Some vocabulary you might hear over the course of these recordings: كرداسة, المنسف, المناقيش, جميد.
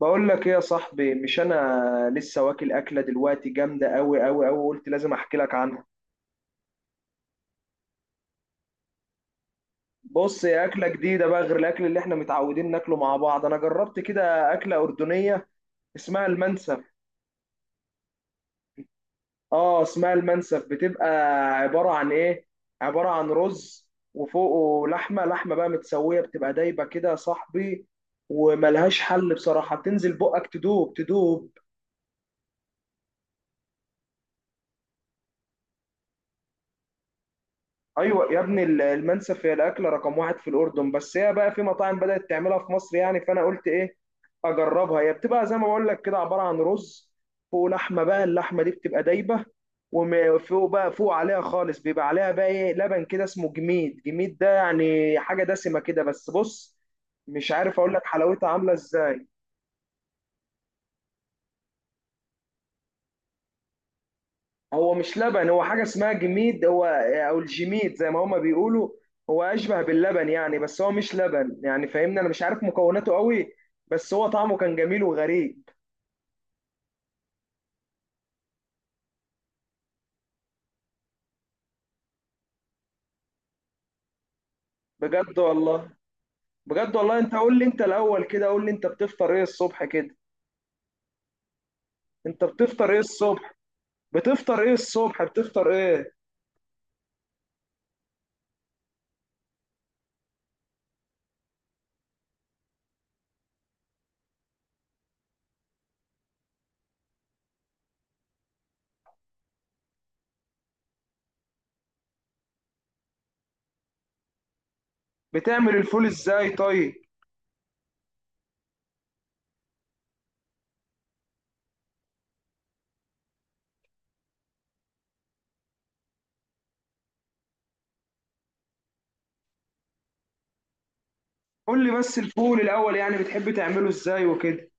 بقول لك ايه يا صاحبي؟ مش انا لسه واكل اكله دلوقتي جامده قوي قوي قوي، قلت لازم احكي لك عنها. بص، هي اكله جديده بقى غير الاكل اللي احنا متعودين ناكله مع بعض. انا جربت كده اكله اردنيه اسمها المنسف. اه، اسمها المنسف، بتبقى عباره عن ايه؟ عباره عن رز وفوقه لحمه، لحمه بقى متسويه بتبقى دايبه كده يا صاحبي. وملهاش حل بصراحه، بتنزل بقك تدوب تدوب. ايوه يا ابني، المنسف هي الاكله رقم واحد في الاردن، بس هي بقى في مطاعم بدات تعملها في مصر، يعني فانا قلت ايه؟ اجربها. هي بتبقى زي ما بقول لك كده، عباره عن رز، فوق لحمه بقى، اللحمه دي بتبقى دايبه، وفوق بقى، فوق عليها خالص بيبقى عليها بقى ايه، لبن كده اسمه جميد. جميد ده يعني حاجه دسمه كده، بس بص، مش عارف اقول لك حلاوتها عامله ازاي. هو مش لبن، هو حاجة اسمها جميد، هو او الجميد زي ما هما بيقولوا. هو اشبه باللبن يعني، بس هو مش لبن يعني، فاهمني؟ انا مش عارف مكوناته قوي، بس هو طعمه كان جميل وغريب. بجد والله، بجد والله. انت قول لي انت الاول كده، قول لي انت بتفطر ايه الصبح كده؟ انت بتفطر ايه الصبح؟ بتفطر ايه الصبح؟ بتفطر ايه؟ بتعمل الفول ازاي طيب؟ قول لي بس الفول الاول، يعني بتحب تعمله ازاي وكده.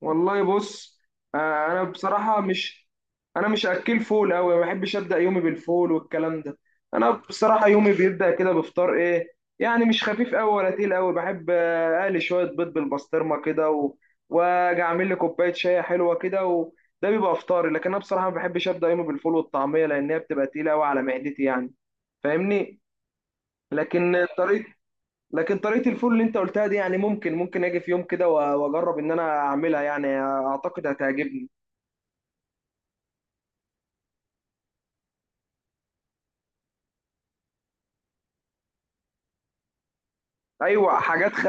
والله بص، انا بصراحه مش، انا مش اكل فول قوي، ما بحبش ابدا يومي بالفول والكلام ده. انا بصراحه يومي بيبدا كده بفطار ايه، يعني مش خفيف قوي ولا تقيل قوي. بحب اقلي شويه بيض بالبسطرمه كده واجي اعمل لي كوبايه شاي حلوه كده، وده بيبقى افطاري. لكن انا بصراحه ما بحبش ابدا يومي بالفول والطعميه، لان هي بتبقى تقيله قوي على معدتي يعني، فاهمني؟ لكن طريقه، لكن طريقة الفول اللي انت قلتها دي يعني ممكن، ممكن اجي في يوم كده واجرب ان انا اعملها، يعني اعتقد هتعجبني. ايوه حاجات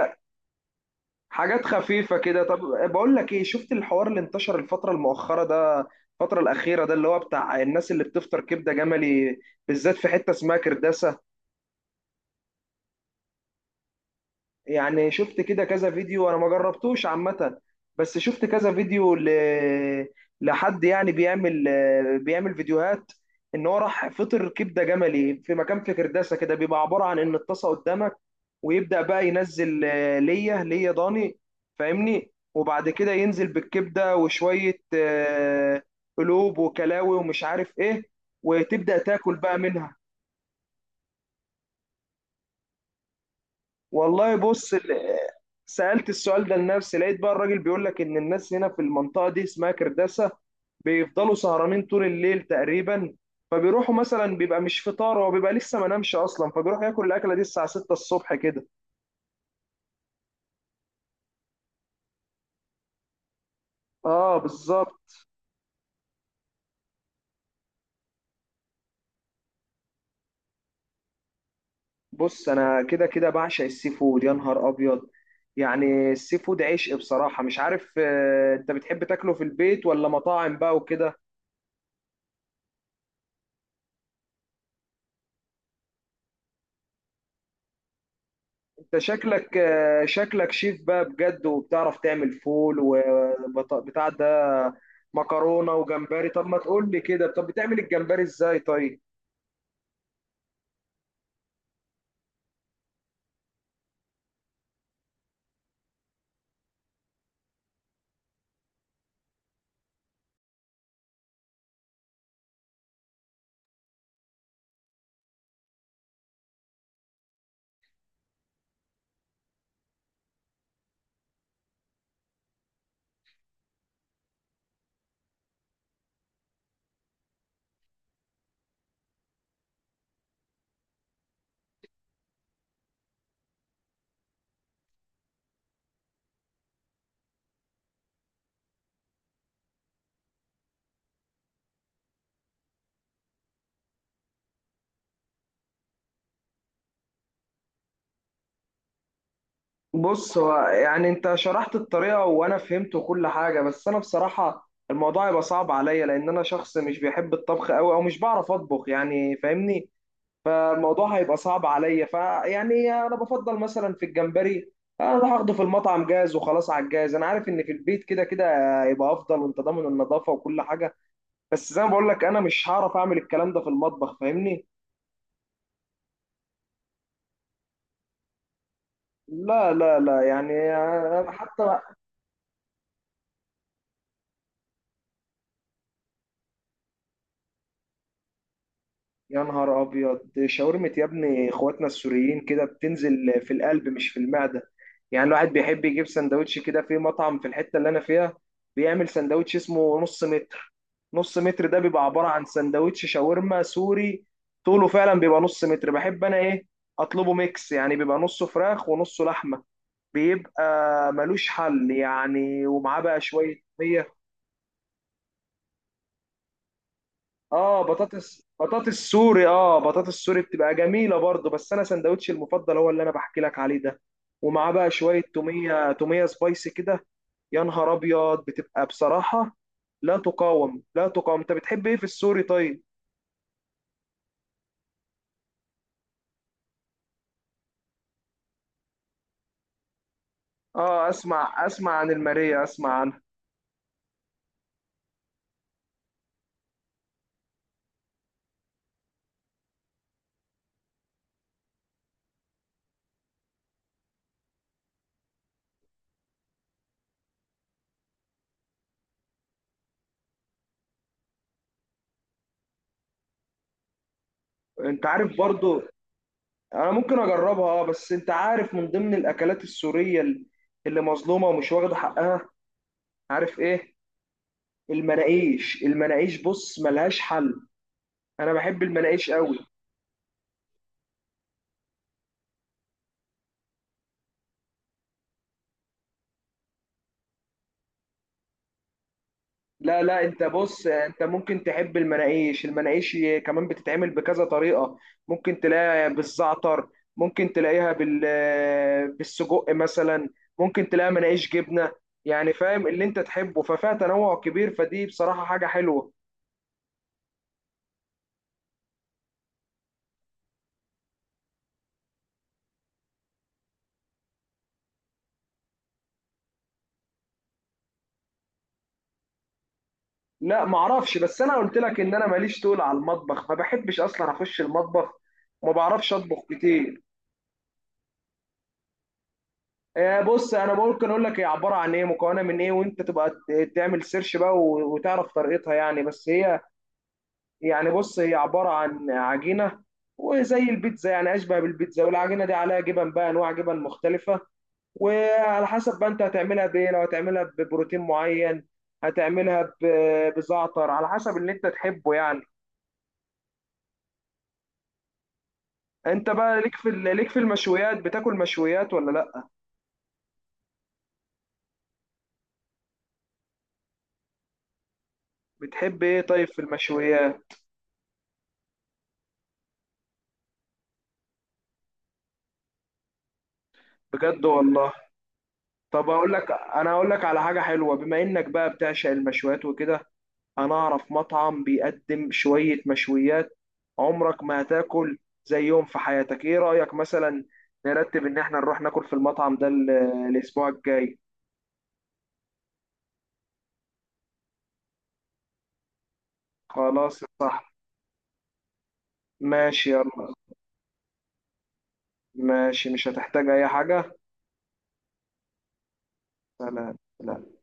حاجات خفيفة كده. طب، بقول لك ايه، شفت الحوار اللي انتشر الفترة المؤخرة ده، الفترة الأخيرة ده، اللي هو بتاع الناس اللي بتفطر كبدة جملي بالذات في حتة اسمها كرداسة؟ يعني شفت كده كذا فيديو، انا ما جربتوش عامة، بس شفت كذا فيديو لحد يعني بيعمل، بيعمل فيديوهات ان هو راح فطر كبدة جملي في مكان في كرداسة كده. بيبقى عبارة عن ان الطاسة قدامك، ويبدأ بقى ينزل ليا، ليا ضاني، فاهمني؟ وبعد كده ينزل بالكبدة وشوية قلوب وكلاوي ومش عارف ايه، وتبدأ تاكل بقى منها. والله بص سألت السؤال ده لنفسي، لقيت بقى الراجل بيقول لك إن الناس هنا في المنطقة دي اسمها كرداسة بيفضلوا سهرانين طول الليل تقريبا، فبيروحوا مثلا، بيبقى مش فطار، هو بيبقى لسه ما نامش أصلا، فبيروح ياكل الأكلة دي الساعة 6 الصبح كده. آه بالظبط. بص أنا كده كده بعشق السي فود، يا نهار أبيض. يعني السي فود عشق بصراحة، مش عارف أنت بتحب تاكله في البيت ولا مطاعم بقى وكده؟ انت شكلك، شكلك شيف بقى بجد، وبتعرف تعمل فول وبتاع ده، مكرونه وجمبري. طب ما تقول لي كده، طب بتعمل الجمبري ازاي طيب؟ بص، هو يعني انت شرحت الطريقه وانا فهمت كل حاجه، بس انا بصراحه الموضوع يبقى صعب عليا، لان انا شخص مش بيحب الطبخ قوي او مش بعرف اطبخ، يعني فاهمني؟ فالموضوع هيبقى صعب عليا، فيعني انا بفضل مثلا في الجمبري اروح اخده في المطعم جاهز وخلاص، على الجاهز. انا عارف ان في البيت كده كده يبقى افضل، وانت ضامن النظافه وكل حاجه، بس زي ما بقول لك انا مش هعرف اعمل الكلام ده في المطبخ، فاهمني؟ لا لا لا، يعني حتى. يا نهار ابيض، شاورمة يا ابني اخواتنا السوريين كده بتنزل في القلب مش في المعدة. يعني الواحد بيحب يجيب سندوتش كده في مطعم في الحتة اللي انا فيها، بيعمل سندوتش اسمه نص متر. نص متر ده بيبقى عبارة عن سندوتش شاورما سوري، طوله فعلا بيبقى نص متر. بحب انا ايه، اطلبه ميكس، يعني بيبقى نصه فراخ ونصه لحمة، بيبقى ملوش حل يعني. ومعاه بقى شوية مية، اه بطاطس، بطاطس سوري، اه بطاطس سوري بتبقى جميله برضه، بس انا سندوتشي المفضل هو اللي انا بحكي لك عليه ده، ومعاه بقى شويه توميه، توميه سبايسي كده. يا نهار ابيض، بتبقى بصراحه لا تقاوم، لا تقاوم. انت بتحب ايه في السوري طيب؟ اه، اسمع، اسمع عن الماريه، اسمع عنها. انت عارف برضو، انا ممكن اجربها اه، بس انت عارف من ضمن الاكلات السوريه اللي مظلومه ومش واخده حقها، عارف ايه؟ المناقيش، المناقيش بص ملهاش حل. انا بحب المناقيش قوي. لا لا، انت بص، انت ممكن تحب المناقيش. المناقيش كمان بتتعمل بكذا طريقة، ممكن تلاقيها بالزعتر، ممكن تلاقيها بال، بالسجق مثلا، ممكن تلاقيها مناقيش جبنة، يعني فاهم اللي انت تحبه، ففيها تنوع كبير، فدي بصراحة حاجة حلوة. لا معرفش، بس انا قلت لك ان انا ماليش طول على المطبخ، ما بحبش اصلا اخش المطبخ وما بعرفش اطبخ كتير. بص انا ممكن اقول لك هي عباره عن ايه، مكونه من ايه، وانت تبقى تعمل سيرش بقى وتعرف طريقتها يعني. بس هي يعني، بص، هي عباره عن عجينه، وزي البيتزا يعني، اشبه بالبيتزا، والعجينه دي عليها جبن بقى، انواع جبن مختلفه. وعلى حسب بقى انت هتعملها بايه، لو هتعملها ببروتين معين، هتعملها بزعتر، على حسب اللي انت تحبه يعني. انت بقى ليك في ليك في المشويات، بتاكل مشويات ولا لا؟ بتحب ايه طيب في المشويات؟ بجد والله. طب اقول لك، انا اقول لك على حاجه حلوه، بما انك بقى بتعشق المشويات وكده، انا اعرف مطعم بيقدم شويه مشويات عمرك ما هتاكل زيهم في حياتك. ايه رايك مثلا نرتب ان احنا نروح ناكل في المطعم ده الاسبوع الجاي؟ خلاص صح، ماشي يلا. ماشي مش هتحتاج اي حاجه. سلام سلام.